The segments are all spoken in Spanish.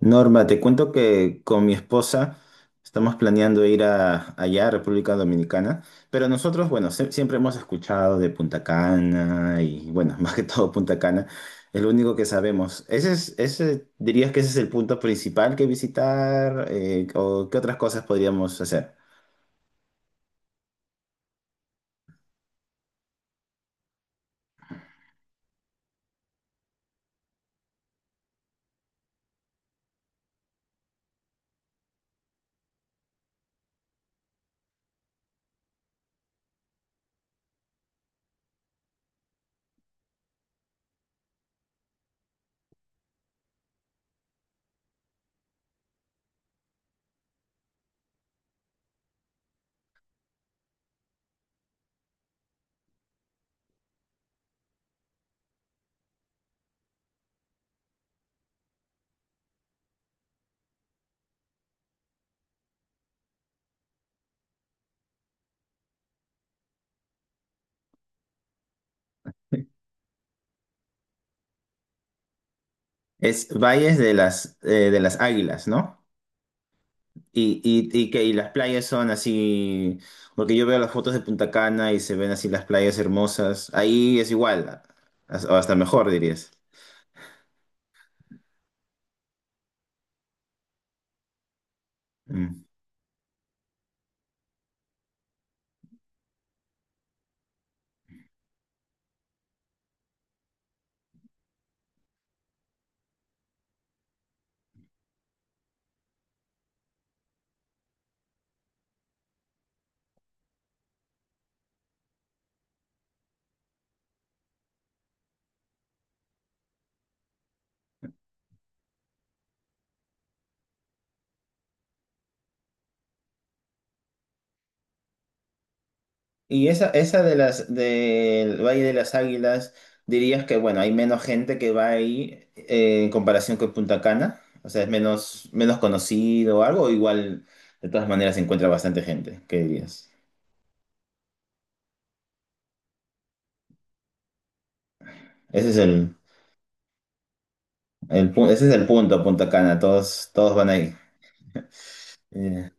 Norma, te cuento que con mi esposa estamos planeando ir allá a República Dominicana, pero nosotros, bueno, siempre hemos escuchado de Punta Cana y, bueno, más que todo Punta Cana, es lo único que sabemos. ¿Ese es, ese, dirías que ese es el punto principal que visitar o qué otras cosas podríamos hacer? Es Valles de las Águilas, ¿no? Y las playas son así, porque yo veo las fotos de Punta Cana y se ven así las playas hermosas. Ahí es igual, o hasta mejor dirías. Mm. Y esa de las del Valle de las Águilas, dirías que bueno, hay menos gente que va ahí en comparación con Punta Cana. O sea, es menos, menos conocido o algo, o igual de todas maneras se encuentra bastante gente, ¿qué dirías? Ese es el, ese es el punto, Punta Cana, todos, todos van ahí. Eh,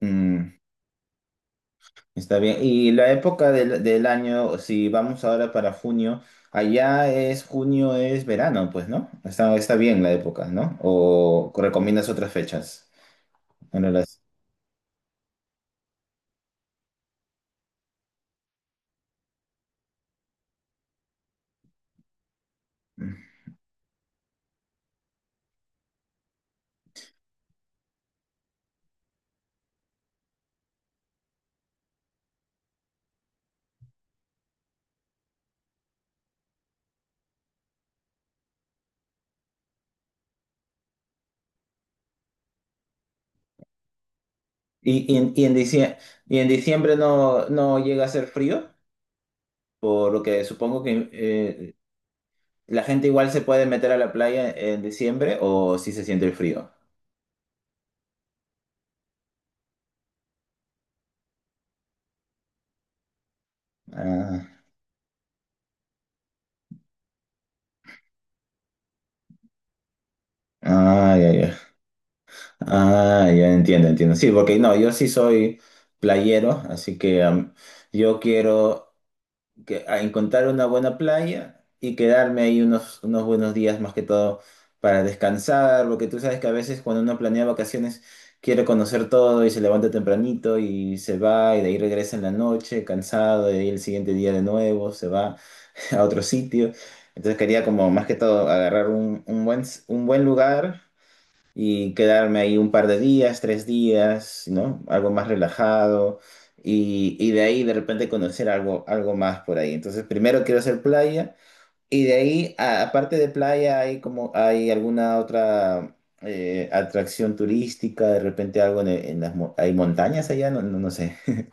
mm. Está bien. Y la época del, del año, si vamos ahora para junio, allá es junio, es verano, pues, ¿no? Está, está bien la época, ¿no? ¿O recomiendas otras fechas? Bueno, las... ¿Y, y, en, y, en dicie- y en diciembre no, no llega a ser frío? Por lo que supongo que la gente igual se puede meter a la playa en diciembre o si se siente el frío. Ah, ah, ya, ya. Ah, ya entiendo, entiendo. Sí, porque no, yo sí soy playero, así que yo quiero que, a encontrar una buena playa y quedarme ahí unos, unos buenos días más que todo para descansar, porque tú sabes que a veces cuando uno planea vacaciones quiere conocer todo y se levanta tempranito y se va y de ahí regresa en la noche cansado y de ahí el siguiente día de nuevo se va a otro sitio. Entonces quería como más que todo agarrar un buen lugar y quedarme ahí un par de días, tres días, ¿no? Algo más relajado y de ahí de repente conocer algo, algo más por ahí. Entonces, primero quiero hacer playa y de ahí, aparte de playa, hay como, hay alguna otra atracción turística, de repente algo en las, hay montañas allá, no, no, no sé.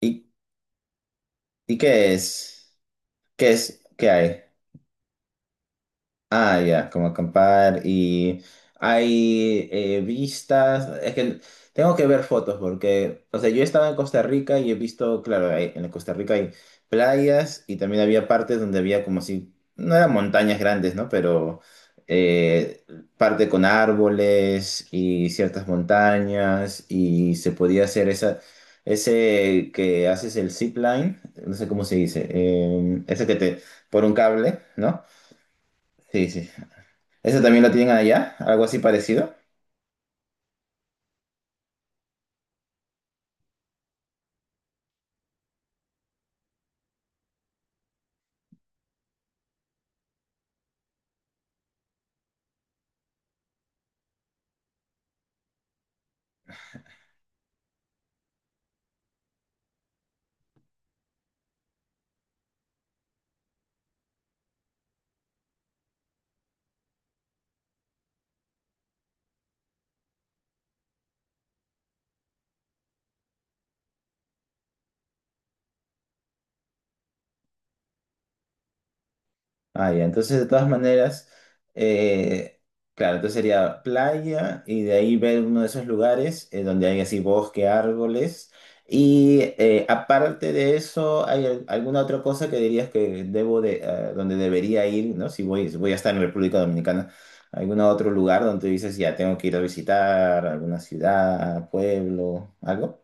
¿Y, y qué es? ¿Qué es? ¿Qué hay? Ah, ya, como acampar y hay vistas, es que tengo que ver fotos porque, o sea, yo he estado en Costa Rica y he visto, claro, en Costa Rica hay playas y también había partes donde había como si, no eran montañas grandes, ¿no? Pero eh, parte con árboles y ciertas montañas y se podía hacer esa, ese que haces el zip line, no sé cómo se dice, ese que te, por un cable, ¿no? Sí, sí, ¿eso también lo tienen allá? ¿Algo así parecido? Ah, ya. Entonces, de todas maneras, eh, claro, entonces sería playa y de ahí ver uno de esos lugares donde hay así bosque, árboles. Y aparte de eso, ¿hay alguna otra cosa que dirías que debo de, donde debería ir, ¿no? Si voy, si voy a estar en República Dominicana, ¿algún otro lugar donde dices, ya tengo que ir a visitar alguna ciudad, pueblo, algo?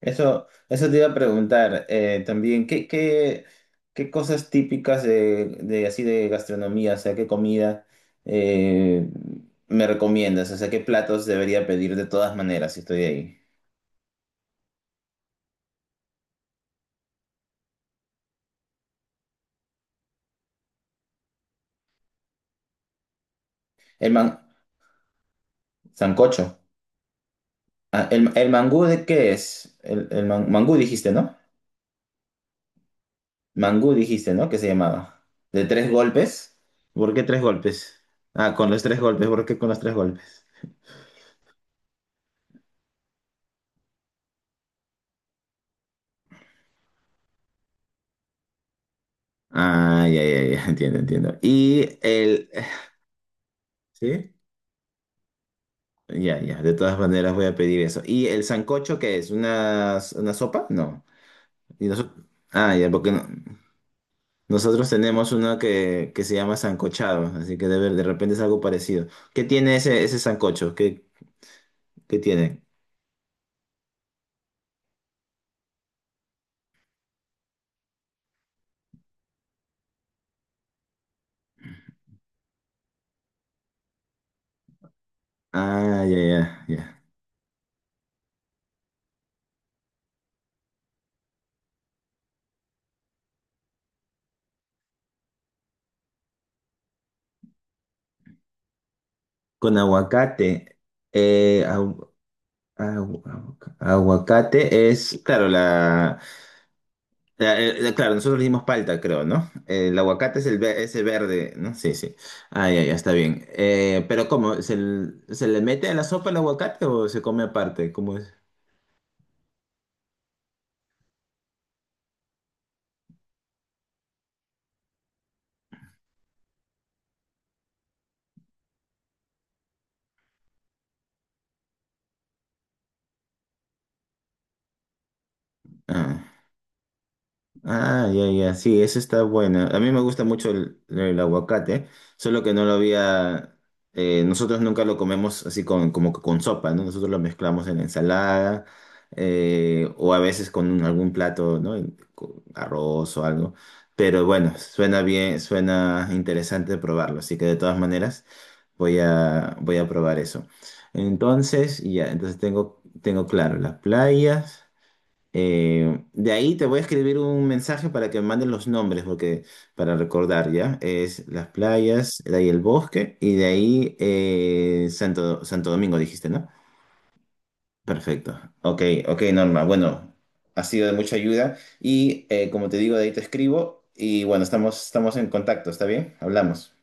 Eso te iba a preguntar también, ¿qué, qué, qué cosas típicas de así de gastronomía, o sea, qué comida eh, me recomiendas? O sea, ¿qué platos debería pedir de todas maneras si estoy ahí? El man, sancocho. Ah, el, ¿el mangú de qué es? El, mangú dijiste, ¿no? Mangú dijiste, ¿no? ¿Qué se llamaba? ¿De tres golpes? ¿Por qué tres golpes? Ah, con los tres golpes, ¿por qué con los tres golpes? Ah, ya, ya, ya, entiendo, entiendo. Y el... ¿Sí? Ya, ya, de todas maneras voy a pedir eso. ¿Y el sancocho qué es? Una sopa? No. Y noso- ah, ya, porque nosotros tenemos uno que se llama sancochado, así que de, de repente es algo parecido. ¿Qué tiene ese, ese sancocho? ¿Qué, qué tiene? Ah, ya, ya, ya. Con aguacate. Eh, agu- agu- aguacate es, claro, la, claro, nosotros le dimos palta, creo, ¿no? El aguacate es el ese verde, ¿no? Sí, sí. Ah, ya, ya, está bien. Pero ¿cómo? ¿Se, se le mete a la sopa el aguacate o se come aparte? ¿Cómo es? Ah. Ah, ya, ya, sí, eso está buena. A mí me gusta mucho el aguacate, solo que no lo había, nosotros nunca lo comemos así con, como que con sopa, ¿no? Nosotros lo mezclamos en ensalada o a veces con algún plato, ¿no? En- con arroz o algo. Pero bueno, suena bien, suena interesante probarlo, así que de todas maneras voy a, voy a probar eso. Entonces, ya, entonces tengo, tengo claro las playas. De ahí te voy a escribir un mensaje para que me manden los nombres, porque para recordar, ¿ya? Es las playas, de ahí el bosque y de ahí Santo, Santo Domingo, dijiste, ¿no? Perfecto. Ok, ok, Norma. Bueno, ha sido de mucha ayuda y como te digo, de ahí te escribo y bueno, estamos, estamos en contacto, ¿está bien? Hablamos.